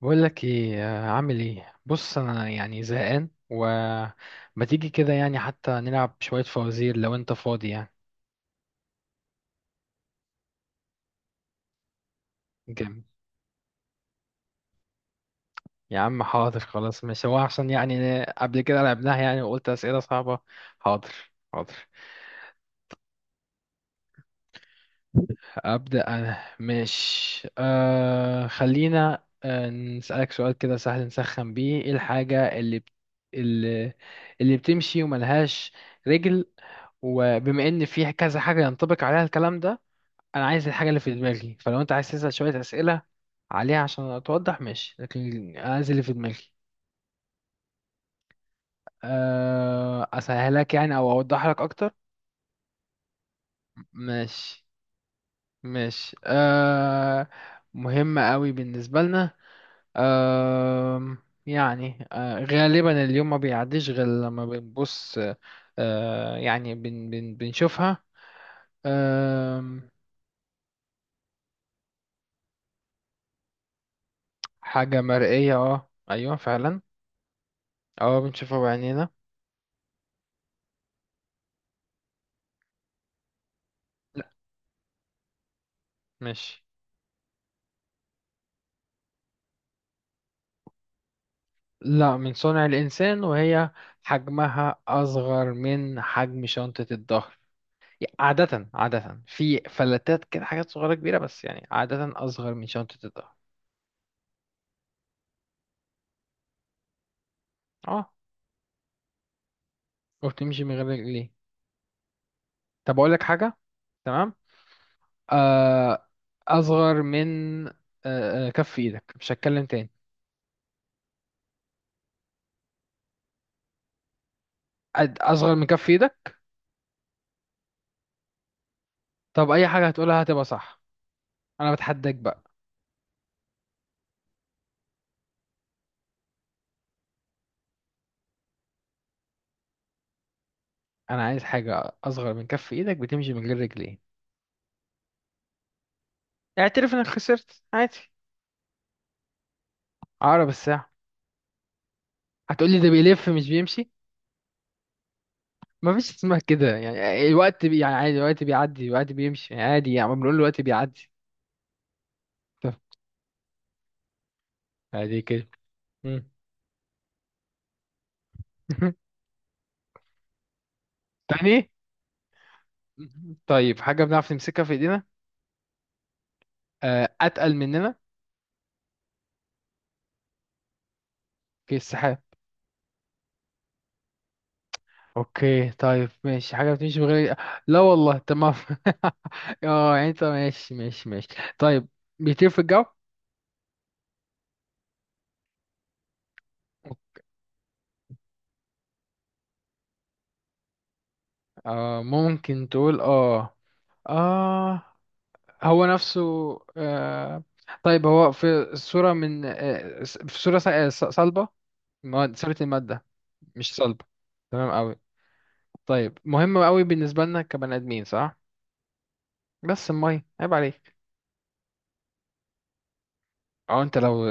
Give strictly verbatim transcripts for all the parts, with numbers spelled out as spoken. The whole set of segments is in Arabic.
بقول لك ايه، آه، عامل ايه؟ بص، انا يعني زهقان، وما تيجي كده يعني حتى نلعب شوية فوازير لو انت فاضي يعني. جامد. يا عم حاضر، خلاص. مش هو عشان يعني قبل كده لعبناها يعني وقلت أسئلة صعبة. حاضر. حاضر. أبدأ أنا. مش آه خلينا آه نسألك سؤال كده سهل نسخن بيه. ايه الحاجة اللي بت... اللي اللي بتمشي وملهاش رجل؟ وبما ان في كذا حاجة ينطبق عليها الكلام ده، انا عايز الحاجه اللي في دماغي. فلو انت عايز تسال شويه اسئله عليها عشان اتوضح ماشي، لكن أنا عايز اللي في دماغي. أه، اسهلك يعني او اوضح لك اكتر. ماشي ماشي أه. مهمه قوي بالنسبه لنا. أه. يعني أه غالبا اليوم ما بيعديش غير لما بنبص. أه، يعني بن بن بنشوفها. أه. حاجه مرئيه، اه، ايوه فعلا. اه، بنشوفها بعينينا. لا. ماشي. لا، من صنع الإنسان. وهي حجمها أصغر من حجم شنطة الظهر. يعني عادة عادة في فلتات كده حاجات صغيرة كبيرة، بس يعني عادة أصغر من شنطة الظهر. اه. وبتمشي من غير رجلين. طب أقول لك حاجة. تمام. آه أصغر من آه آه، كف إيدك. مش هتكلم تاني. أد- أصغر من كف إيدك. طب أي حاجة هتقولها هتبقى صح. أنا بتحداك بقى. أنا عايز حاجة أصغر من كف إيدك بتمشي من غير رجلين. اعترف إنك خسرت، عادي. عقرب الساعة. هتقولي ده بيلف مش بيمشي. مفيش اسمها كده. يعني الوقت بي يعني عادي، الوقت بيعدي، الوقت بيمشي يعني عادي، يعني ما بنقول الوقت بيعدي. طب عادي كده. مم. تاني. طيب حاجة بنعرف نمسكها في ايدينا. آه، أتقل مننا. في السحاب. اوكي طيب، ماشي، حاجة بتمشي من غير. لا والله، تمام. اه يعني انت ماشي ماشي ماشي. طيب. بيطير في الجو. آه، ممكن تقول اه. اه. هو نفسه. آه. طيب، هو في صورة من آه في صورة ص- آه، ص- صلبة. مواد- صورة المادة. مش صلبة. تمام أوي. طيب مهم أوي بالنسبة لنا كبني آدمين، صح؟ بس المية، عيب عليك. اه انت لو.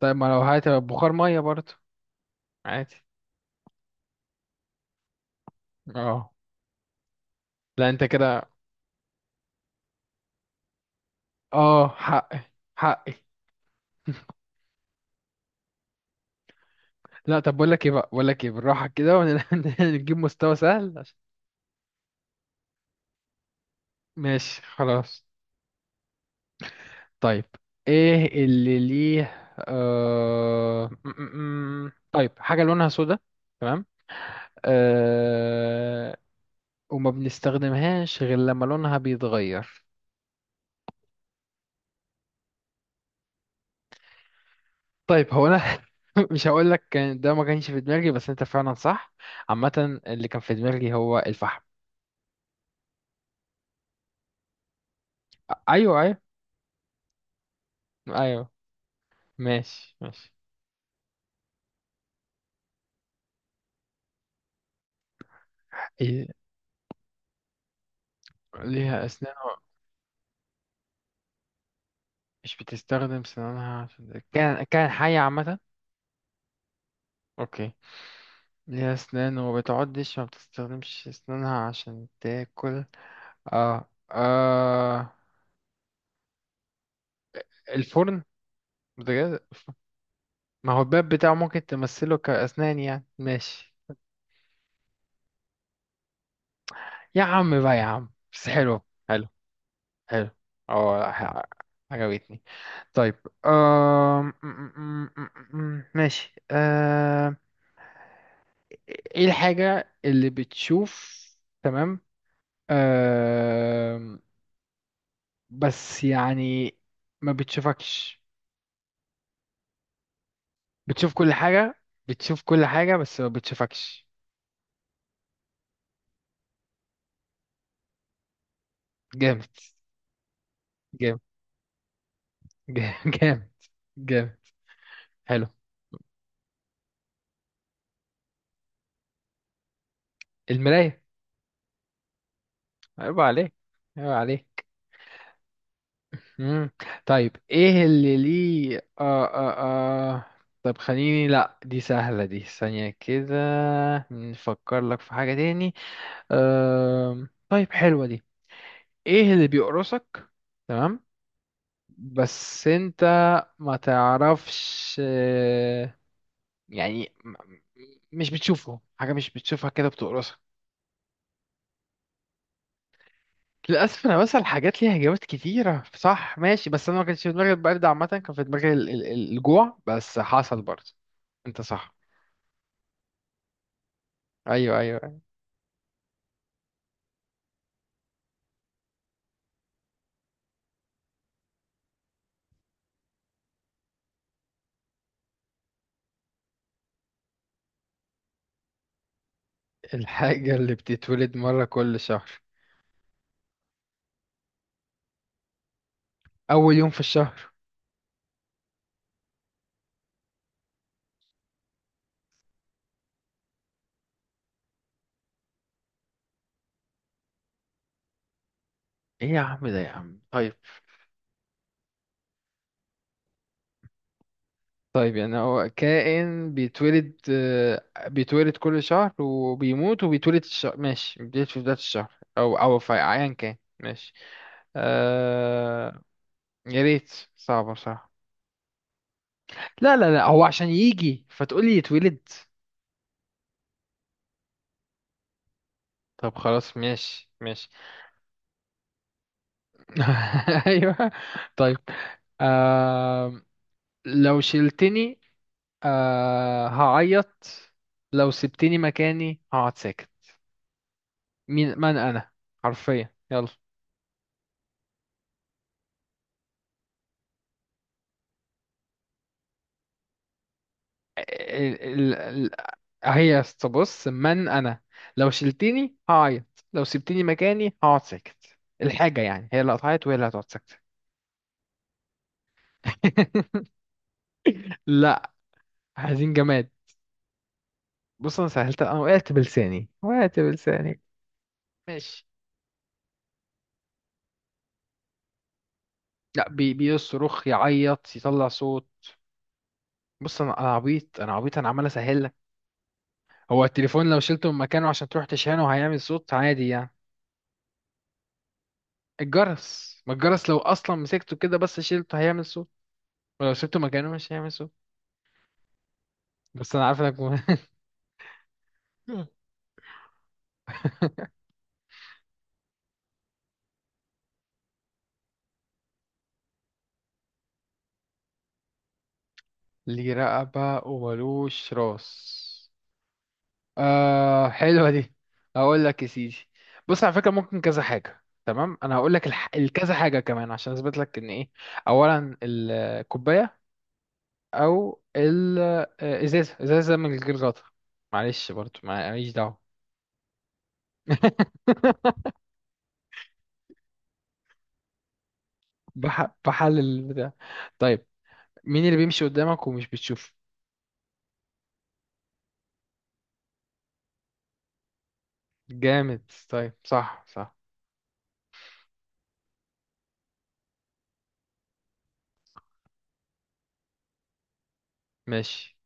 طيب ما لو هات بخار مية برضه، عادي. اه. لا انت كده. اه، حقي. حقي. لا. طب بقول لك ايه بقى، بقول لك ايه، بالراحة كده ونجيب مستوى سهل عشان. ماشي خلاص. طيب، ايه اللي ليه آه... م- م- م. طيب حاجة لونها سودا. تمام. آه... وما بنستخدمهاش غير لما لونها بيتغير. طيب هو انا مش هقول لك كان ده ما كانش في دماغي، بس انت فعلا صح. عامة اللي كان في دماغي هو الفحم. ايوه ايوه. ايوه. ماشي ماشي. إيه. ليها اسنان و. مش بتستخدم سنانها عشان كان كان حية عامة. اوكي. ليها أسنان وما بتعضش، ما بتستخدمش أسنانها عشان تاكل. اه اه. الفرن. بجد. ما هو الباب بتاعه ممكن تمثله كأسنان يعني، ماشي. يا عم بقى، يا عم، بس حلو. حلو. حلو. اه ح- عجبتني. طيب. آه... ماشي. آه... ايه الحاجة اللي بتشوف. تمام. آه... بس يعني ما بتشوفكش. بتشوف كل حاجة. بتشوف كل حاجة بس ما بتشوفكش. جامد. جامد. جامد جامد. جامد. حلو. المراية. عيب عليك. عيب عليك. مم. طيب ايه اللي ليه آه آه آه. طب خليني، لا دي سهلة، دي ثانية كده. نفكر لك في حاجة تاني. آه... طيب حلوة دي. ايه اللي بيقرصك. تمام. بس انت ما تعرفش، يعني م- مش بتشوفه، حاجة مش بتشوفها كده بتقرصها. للأسف أنا بسأل حاجات ليها إجابات كتيرة، صح، ماشي، بس أنا ما كانش في دماغي البرد. عامة كان في دماغي ال- ال- الجوع، بس حصل برضه. أنت صح. أيوه أيوه أيوة. الحاجة اللي بتتولد مرة كل شهر. أول يوم في الشهر. إيه يا عم ده، يا عم، طيب. طيب يعني هو كائن بيتولد، آه، بيتولد كل شهر وبيموت وبيتولد الشهر، ماشي، بيتولد في بداية الشهر أو أو في أيا كان، ماشي. آه. يا ريت. صعبة، صح؟ لا لا لا، هو عشان يجي فتقولي يتولد. طب خلاص، ماشي ماشي. ايوه. طيب. آه... لو شلتني آه... هعيط. لو سبتني مكاني هقعد ساكت. مين من انا؟ حرفيا يلا. آه، ال... ال... ال... هي بص، من انا؟ لو شلتني هعيط، لو سبتني مكاني هقعد ساكت. الحاجة يعني هي اللي قطعت وهي اللي هتقعد ساكتة. لا. عايزين جماد. بص انا سهلت، انا وقعت بلساني، وقعت بلساني. ماشي. لا، بي بيصرخ، يعيط، يطلع صوت. بص انا، انا عبيط، انا عبيط، انا عمال اسهل لك. هو التليفون لو شلته من مكانه عشان تروح تشحنه هيعمل صوت عادي يعني. الجرس. ما الجرس لو اصلا مسكته كده بس شلته هيعمل صوت، ولو سبته مكانه مش هيعمل صوت. بس انا عارف انك. م- ليه رقبة وملوش راس. آه حلوة دي. هقول لك يا سيدي. بص على فكرة ممكن كذا حاجة، تمام، انا هقول لك الح... الكذا حاجة كمان عشان اثبت لك ان ايه. اولا الكوباية، او الازازة، ازازة من غير غطا. معلش برضو ما- ماليش دعوة. بح... بحلل البتاع. طيب، مين اللي بيمشي قدامك ومش بتشوفه؟ جامد. طيب، صح صح. ماشي.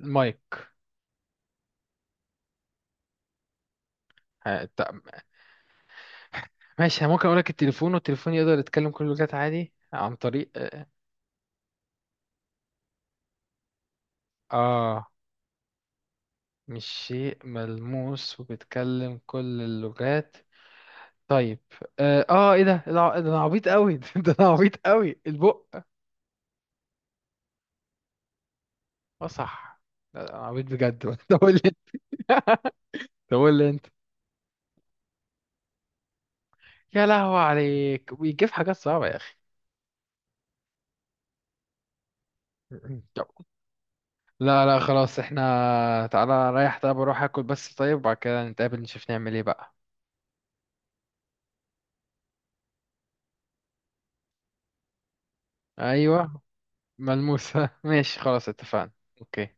المايك. ه- ت- ماشي. أنا ممكن اقول لك التليفون، والتليفون يقدر يتكلم كل اللغات عادي عن طريق آه، آه. مش شيء ملموس وبيتكلم كل اللغات. طيب. آه, آه إيه ده الع- ده أنا عبيط أوي. ده أنا عبيط أوي. البق. آه صح. لا، ده أنا عبيط بجد. طب قول لي. طب قول لي أنت. يا لهوي عليك بيجيب حاجات صعبة يا أخي. طب. لا لا خلاص، احنا. تعالى رايح، طيب اروح اكل بس، طيب وبعد كده نتقابل نشوف نعمل ايه بقى. ايوه. ملموسة. ماشي خلاص، اتفقنا. اوكي.